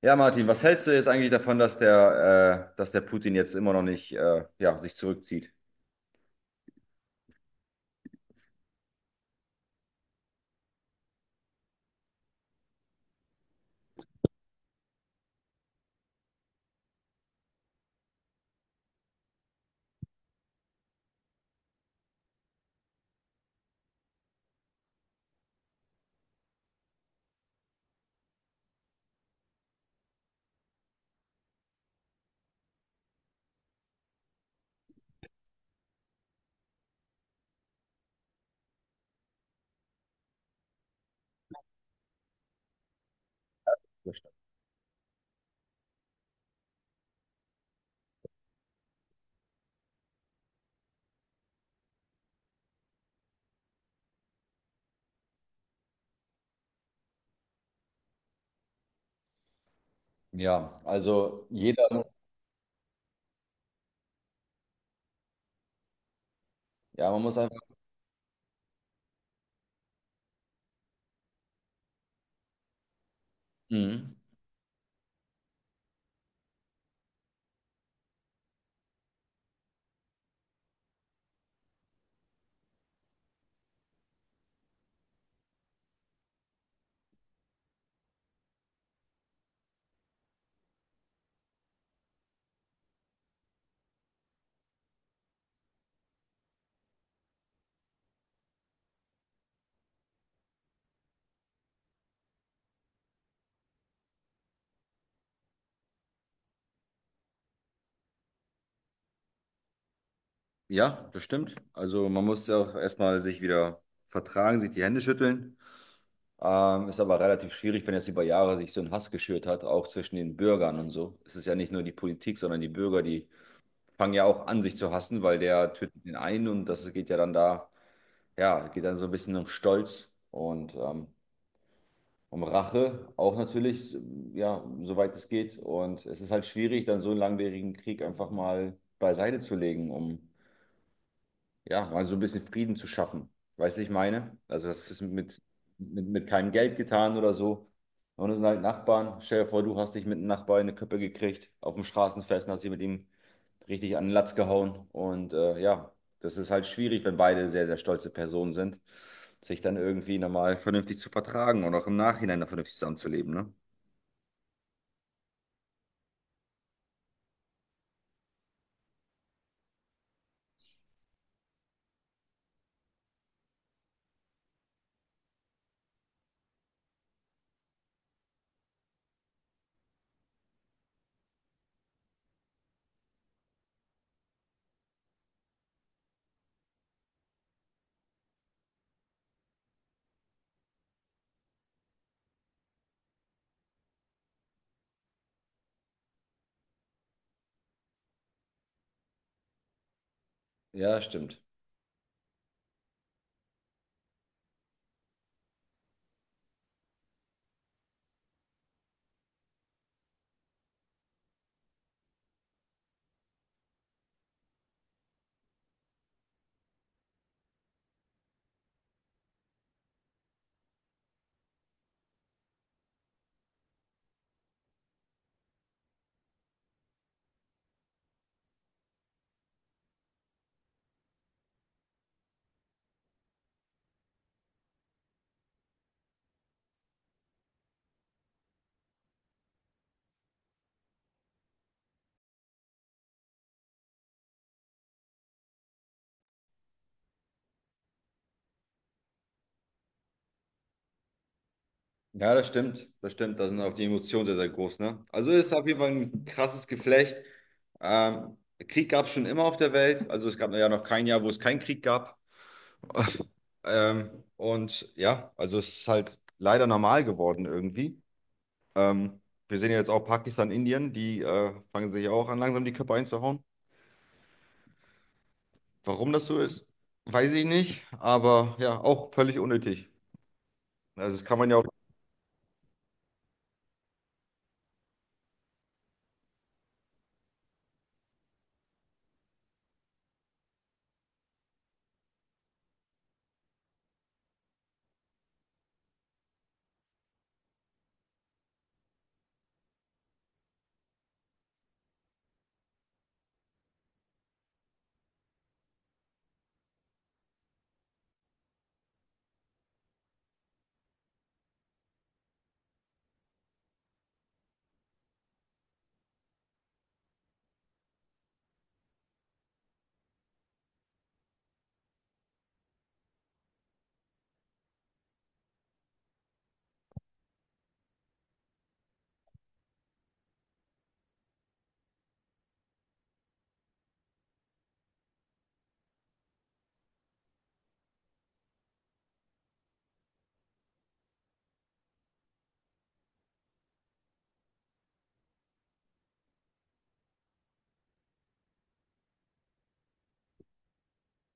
Ja, Martin, was hältst du jetzt eigentlich davon, dass dass der Putin jetzt immer noch nicht, ja, sich zurückzieht? Ja, also jeder, ja, man muss einfach, mhm. Ja, das stimmt. Also man muss auch erstmal sich wieder vertragen, sich die Hände schütteln. Ist aber relativ schwierig, wenn jetzt über Jahre sich so ein Hass geschürt hat, auch zwischen den Bürgern und so. Es ist ja nicht nur die Politik, sondern die Bürger, die fangen ja auch an, sich zu hassen, weil der tötet den einen und das geht ja dann da, ja, geht dann so ein bisschen um Stolz und um Rache auch natürlich, ja, soweit es geht. Und es ist halt schwierig, dann so einen langwierigen Krieg einfach mal beiseite zu legen, um ja, mal so ein bisschen Frieden zu schaffen. Weißt du, ich meine? Also das ist mit keinem Geld getan oder so. Und es sind halt Nachbarn. Stell dir vor, du hast dich mit einem Nachbarn in eine Köppe gekriegt, auf dem Straßenfest und hast dich mit ihm richtig an den Latz gehauen. Und ja, das ist halt schwierig, wenn beide sehr, sehr stolze Personen sind, sich dann irgendwie nochmal vernünftig zu vertragen und auch im Nachhinein dann vernünftig zusammenzuleben, ne? Ja, stimmt. Ja, das stimmt. Das stimmt. Da sind auch die Emotionen sehr, sehr groß, ne? Also ist auf jeden Fall ein krasses Geflecht. Ähm, Krieg gab es schon immer auf der Welt. Also es gab ja noch kein Jahr, wo es keinen Krieg gab. Und ja, also es ist halt leider normal geworden irgendwie. Ähm, Wir sehen ja jetzt auch Pakistan, Indien, die fangen sich auch an, langsam die Köpfe einzuhauen. Warum das so ist, weiß ich nicht, aber ja, auch völlig unnötig. Also das kann man ja auch.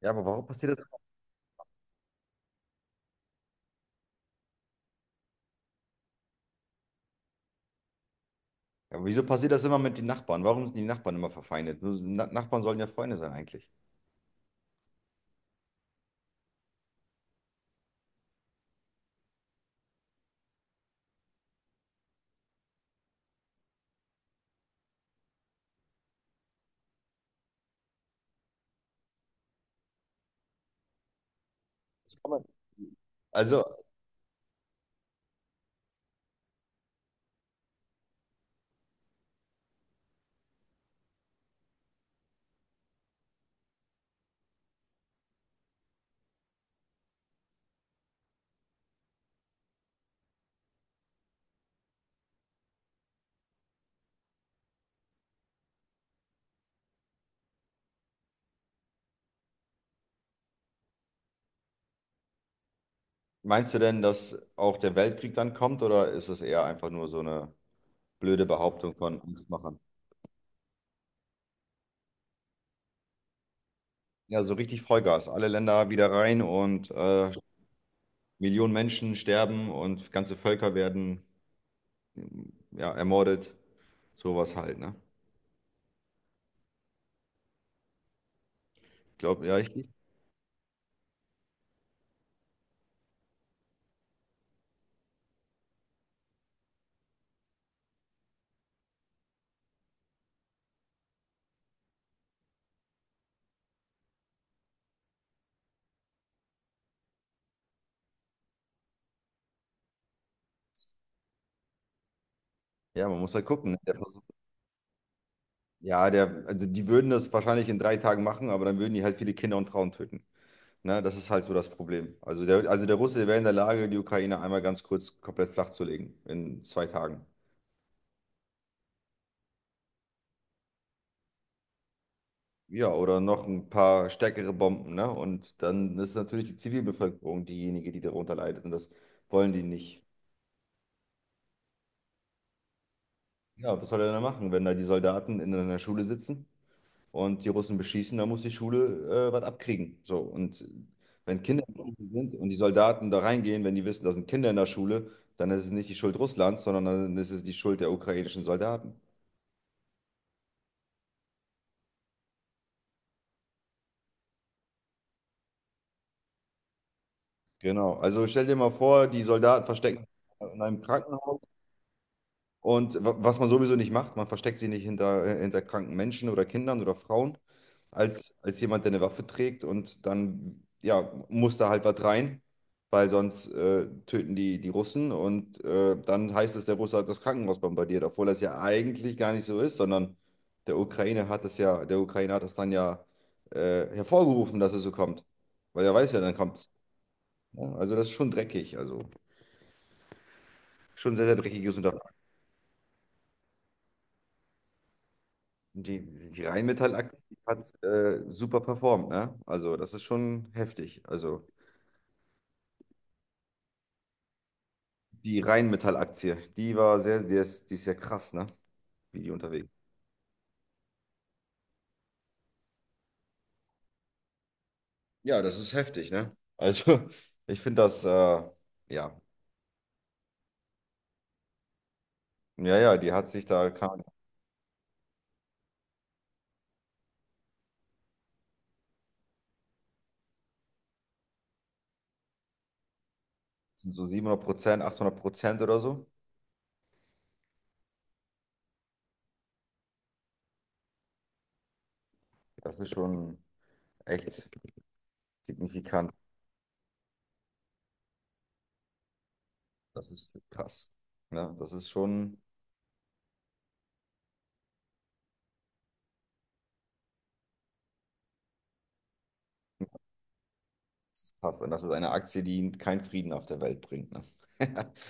Ja, aber warum passiert das? Ja, aber wieso passiert das immer mit den Nachbarn? Warum sind die Nachbarn immer verfeindet? Nur- so, na, Nachbarn sollen ja Freunde sein eigentlich. Das kann man. Also meinst du denn, dass auch der Weltkrieg dann kommt oder ist es eher einfach nur so eine blöde Behauptung von Angstmachern? Ja, so richtig Vollgas. Alle Länder wieder rein und Millionen Menschen sterben und ganze Völker werden ja, ermordet. Sowas halt, ne? Ich glaube, ja, ich, ja, man muss halt gucken, ne? Der Versuch, ja, der, also die würden das wahrscheinlich in drei Tagen machen, aber dann würden die halt viele Kinder und Frauen töten. Ne, das ist halt so das Problem. Also der Russe wäre in der Lage, die Ukraine einmal ganz kurz komplett flach zu legen in zwei Tagen. Ja, oder noch ein paar stärkere Bomben, ne? Und dann ist natürlich die Zivilbevölkerung diejenige, die darunter leidet. Und das wollen die nicht. Ja, was soll er denn machen, wenn da die Soldaten in einer Schule sitzen und die Russen beschießen, dann muss die Schule was abkriegen. So, und wenn Kinder in der Schule sind und die Soldaten da reingehen, wenn die wissen, da sind Kinder in der Schule, dann ist es nicht die Schuld Russlands, sondern dann ist es die Schuld der ukrainischen Soldaten. Genau. Also stell dir mal vor, die Soldaten verstecken sich in einem Krankenhaus und wa- was man sowieso nicht macht, man versteckt sie nicht hinter, hinter kranken Menschen oder Kindern oder Frauen, als jemand, der eine Waffe trägt und dann ja, muss da halt was rein, weil sonst töten die, die Russen und dann heißt es, der Russe hat das Krankenhaus bombardiert, obwohl das ja eigentlich gar nicht so ist, sondern der Ukraine hat das dann ja hervorgerufen, dass es so kommt. Weil er weiß ja, dann kommt ja, also das ist schon dreckig, also schon sehr, sehr dreckiges Unterfangen. Die, die Rheinmetall-Aktie hat super performt, ne? Also das ist schon heftig. Also die Rheinmetall-Aktie, die war sehr, die ist ja krass, ne? Wie die unterwegs. Ja, das ist heftig, ne? Also ich finde das, ja, ja, ja, die hat sich da, keine Ahnung, sind so 700%, 800% oder so. Das ist schon echt signifikant. Das ist krass, ne? Das ist schon... Das ist tough. Und das ist eine Aktie, die keinen Frieden auf der Welt bringt. Ne?